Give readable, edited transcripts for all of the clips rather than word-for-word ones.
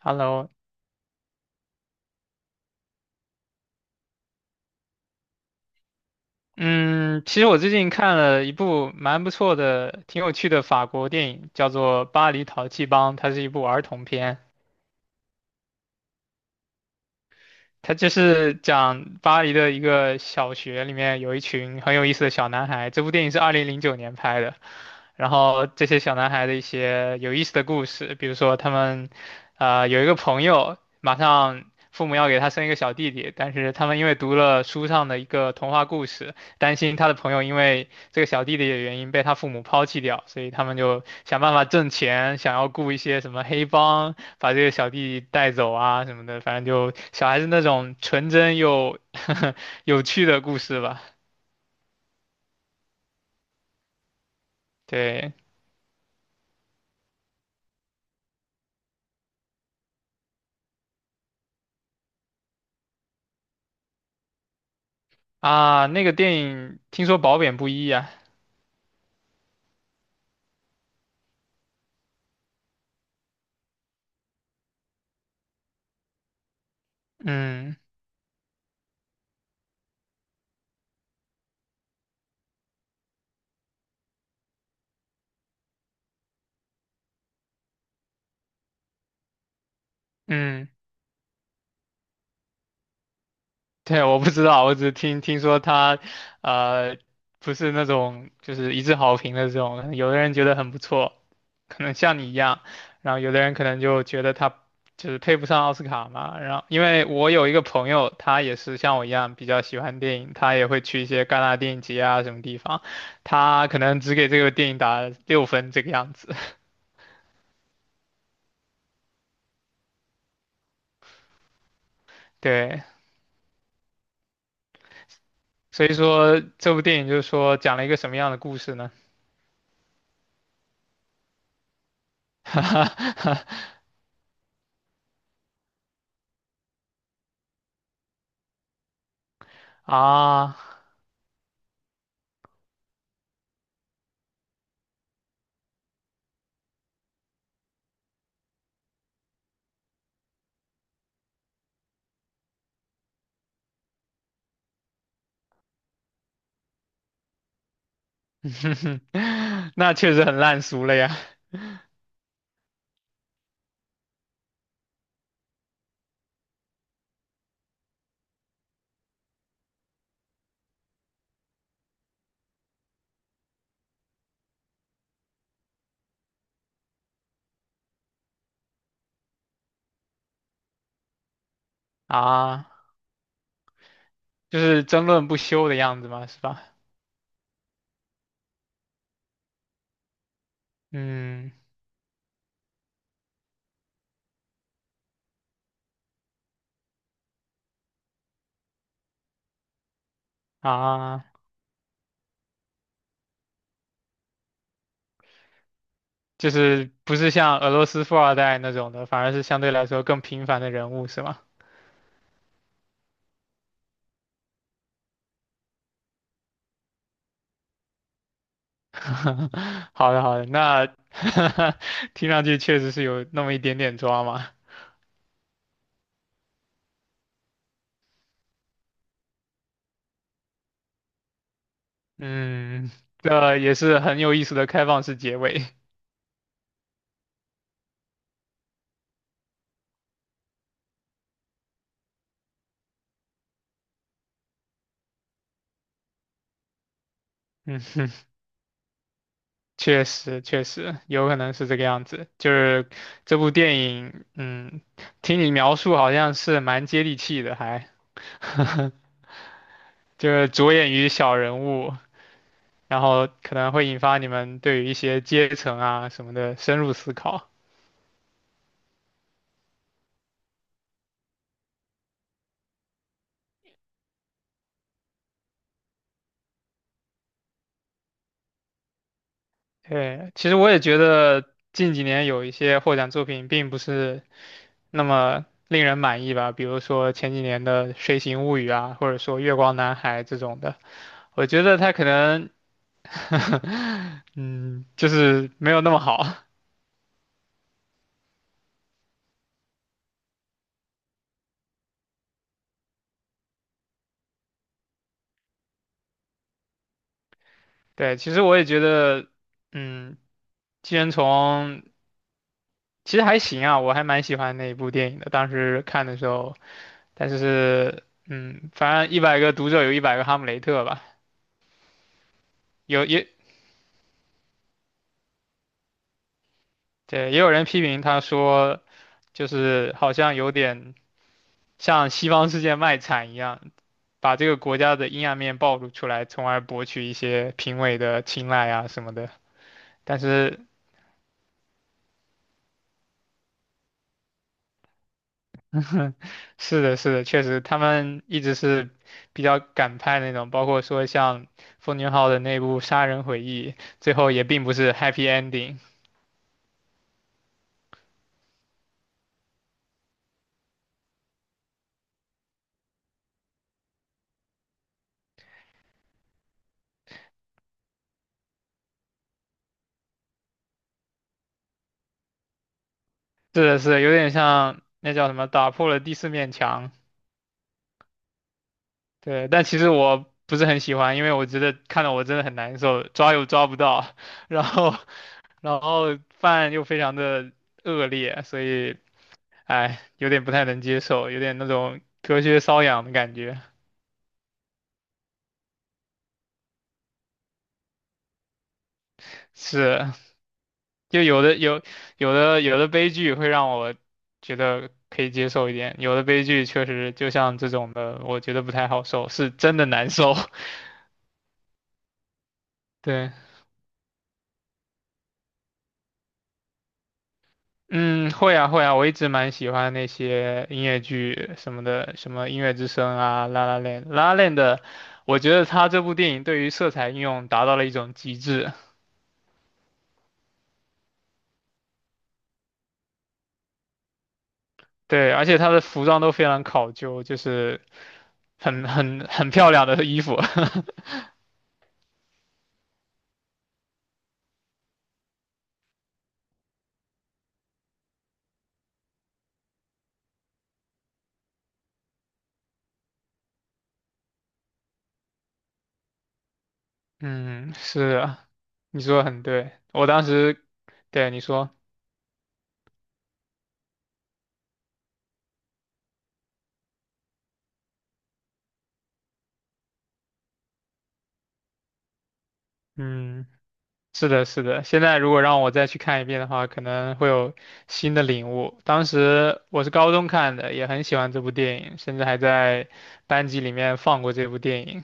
Hello,嗯，其实我最近看了一部蛮不错的、挺有趣的法国电影，叫做《巴黎淘气帮》，它是一部儿童片。他就是讲巴黎的一个小学里面有一群很有意思的小男孩。这部电影是2009年拍的，然后这些小男孩的一些有意思的故事，比如说他们，有一个朋友马上父母要给他生一个小弟弟，但是他们因为读了书上的一个童话故事，担心他的朋友因为这个小弟弟的原因被他父母抛弃掉，所以他们就想办法挣钱，想要雇一些什么黑帮。把这个小弟弟带走啊什么的，反正就小孩子那种纯真又 有趣的故事吧。对啊，那个电影听说褒贬不一啊。嗯嗯。对，我不知道，我只是听说他，呃，不是那种就是一致好评的这种，有的人觉得很不错，可能像你一样，然后有的人可能就觉得他就是配不上奥斯卡嘛。然后因为我有一个朋友，他也是像我一样比较喜欢电影，他也会去一些戛纳电影节啊什么地方，他可能只给这个电影打6分这个样子。对，所以说这部电影就是说讲了一个什么样的故事呢？啊。那确实很烂俗了呀！啊，就是争论不休的样子嘛，是吧？嗯，啊，就是不是像俄罗斯富二代那种的，反而是相对来说更平凡的人物，是吗？好的，好的，那 听上去确实是有那么一点点抓嘛。嗯，这也是很有意思的开放式结尾。嗯哼确实，确实有可能是这个样子。就是这部电影，嗯，听你描述好像是蛮接地气的，还 就是着眼于小人物，然后可能会引发你们对于一些阶层啊什么的深入思考。对，其实我也觉得近几年有一些获奖作品并不是那么令人满意吧，比如说前几年的《水形物语》啊，或者说《月光男孩》这种的，我觉得他可能。嗯，就是没有那么好。对，其实我也觉得，嗯，寄生虫其实还行啊，我还蛮喜欢那一部电影的，当时看的时候，但是，嗯，反正一百个读者有一百个哈姆雷特吧，有也对，也有人批评他说，就是好像有点像西方世界卖惨一样，把这个国家的阴暗面暴露出来，从而博取一些评委的青睐啊什么的。但是是的，是的，确实，他们一直是比较敢拍那种，包括说像奉俊昊的那部《杀人回忆》，最后也并不是 happy ending,是的，是的，有点像那叫什么打破了第四面墙。对，但其实我不是很喜欢，因为我觉得看得我真的很难受，抓又抓不到，然后然后饭又非常的恶劣，所以哎，有点不太能接受，有点那种隔靴搔痒的感觉。是，就有的悲剧会让我觉得可以接受一点，有的悲剧确实就像这种的，我觉得不太好受，是真的难受。对，嗯，会啊会啊，我一直蛮喜欢那些音乐剧什么的，什么《音乐之声》啊，《La La Land》《La La n d 的，我觉得他这部电影对于色彩应用达到了一种极致。对，而且他的服装都非常考究，就是很很很漂亮的衣服。嗯，是啊。你说的很对，我当时，对你说，嗯，是的，是的。现在如果让我再去看一遍的话，可能会有新的领悟。当时我是高中看的，也很喜欢这部电影，甚至还在班级里面放过这部电影，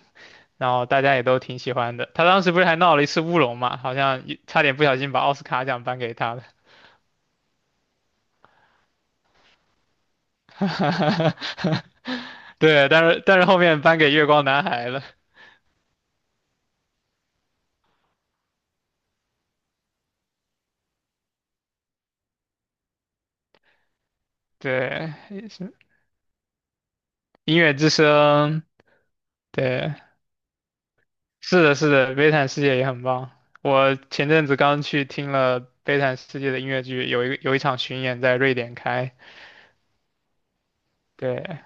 然后大家也都挺喜欢的。他当时不是还闹了一次乌龙嘛，好像一差点不小心把奥斯卡奖颁给他了。对，但是后面颁给月光男孩了。对，也是音乐之声，对。是的，是的，悲惨世界也很棒。我前阵子刚去听了悲惨世界的音乐剧，有一个有一场巡演在瑞典开。对，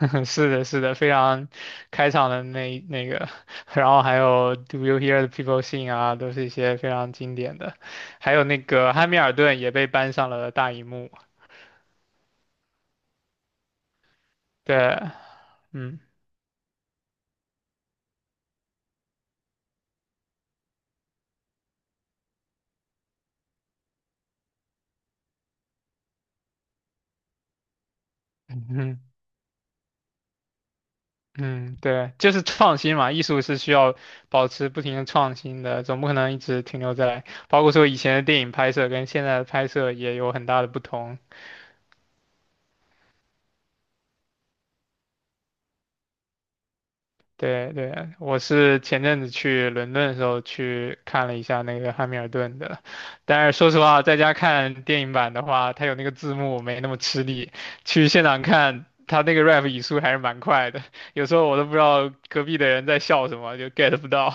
是的，是的，非常开场的那个，然后还有 Do You Hear the People Sing 啊，都是一些非常经典的。还有那个汉密尔顿也被搬上了大荧幕。对，嗯，嗯，对，就是创新嘛，艺术是需要保持不停的创新的，总不可能一直停留在，包括说以前的电影拍摄跟现在的拍摄也有很大的不同。对对，我是前阵子去伦敦的时候去看了一下那个汉密尔顿的，但是说实话，在家看电影版的话，它有那个字幕没那么吃力，去现场看它那个 rap 语速还是蛮快的，有时候我都不知道隔壁的人在笑什么，就 get 不到。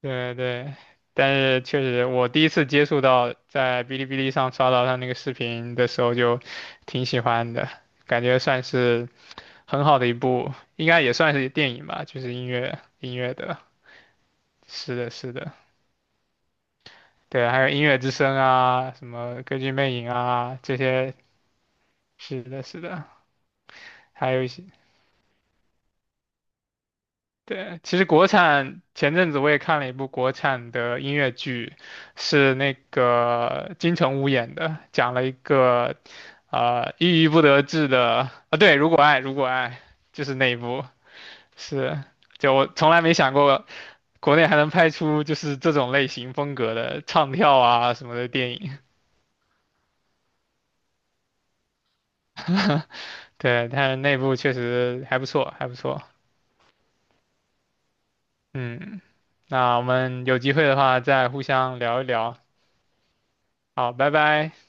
对对，但是确实，我第一次接触到在哔哩哔哩上刷到他那个视频的时候，就挺喜欢的，感觉算是很好的一部，应该也算是电影吧，就是音乐的，是的，是的，对，还有音乐之声啊，什么歌剧魅影啊，这些，是的，是的，还有一些，对，其实国产前阵子我也看了一部国产的音乐剧，是那个金城武演的，讲了一个郁郁不得志的啊，对，如果爱，如果爱，就是那一部，是，就我从来没想过国内还能拍出就是这种类型风格的唱跳啊什么的电影，对，但是那部确实还不错，还不错，嗯，那我们有机会的话再互相聊一聊，好，拜拜。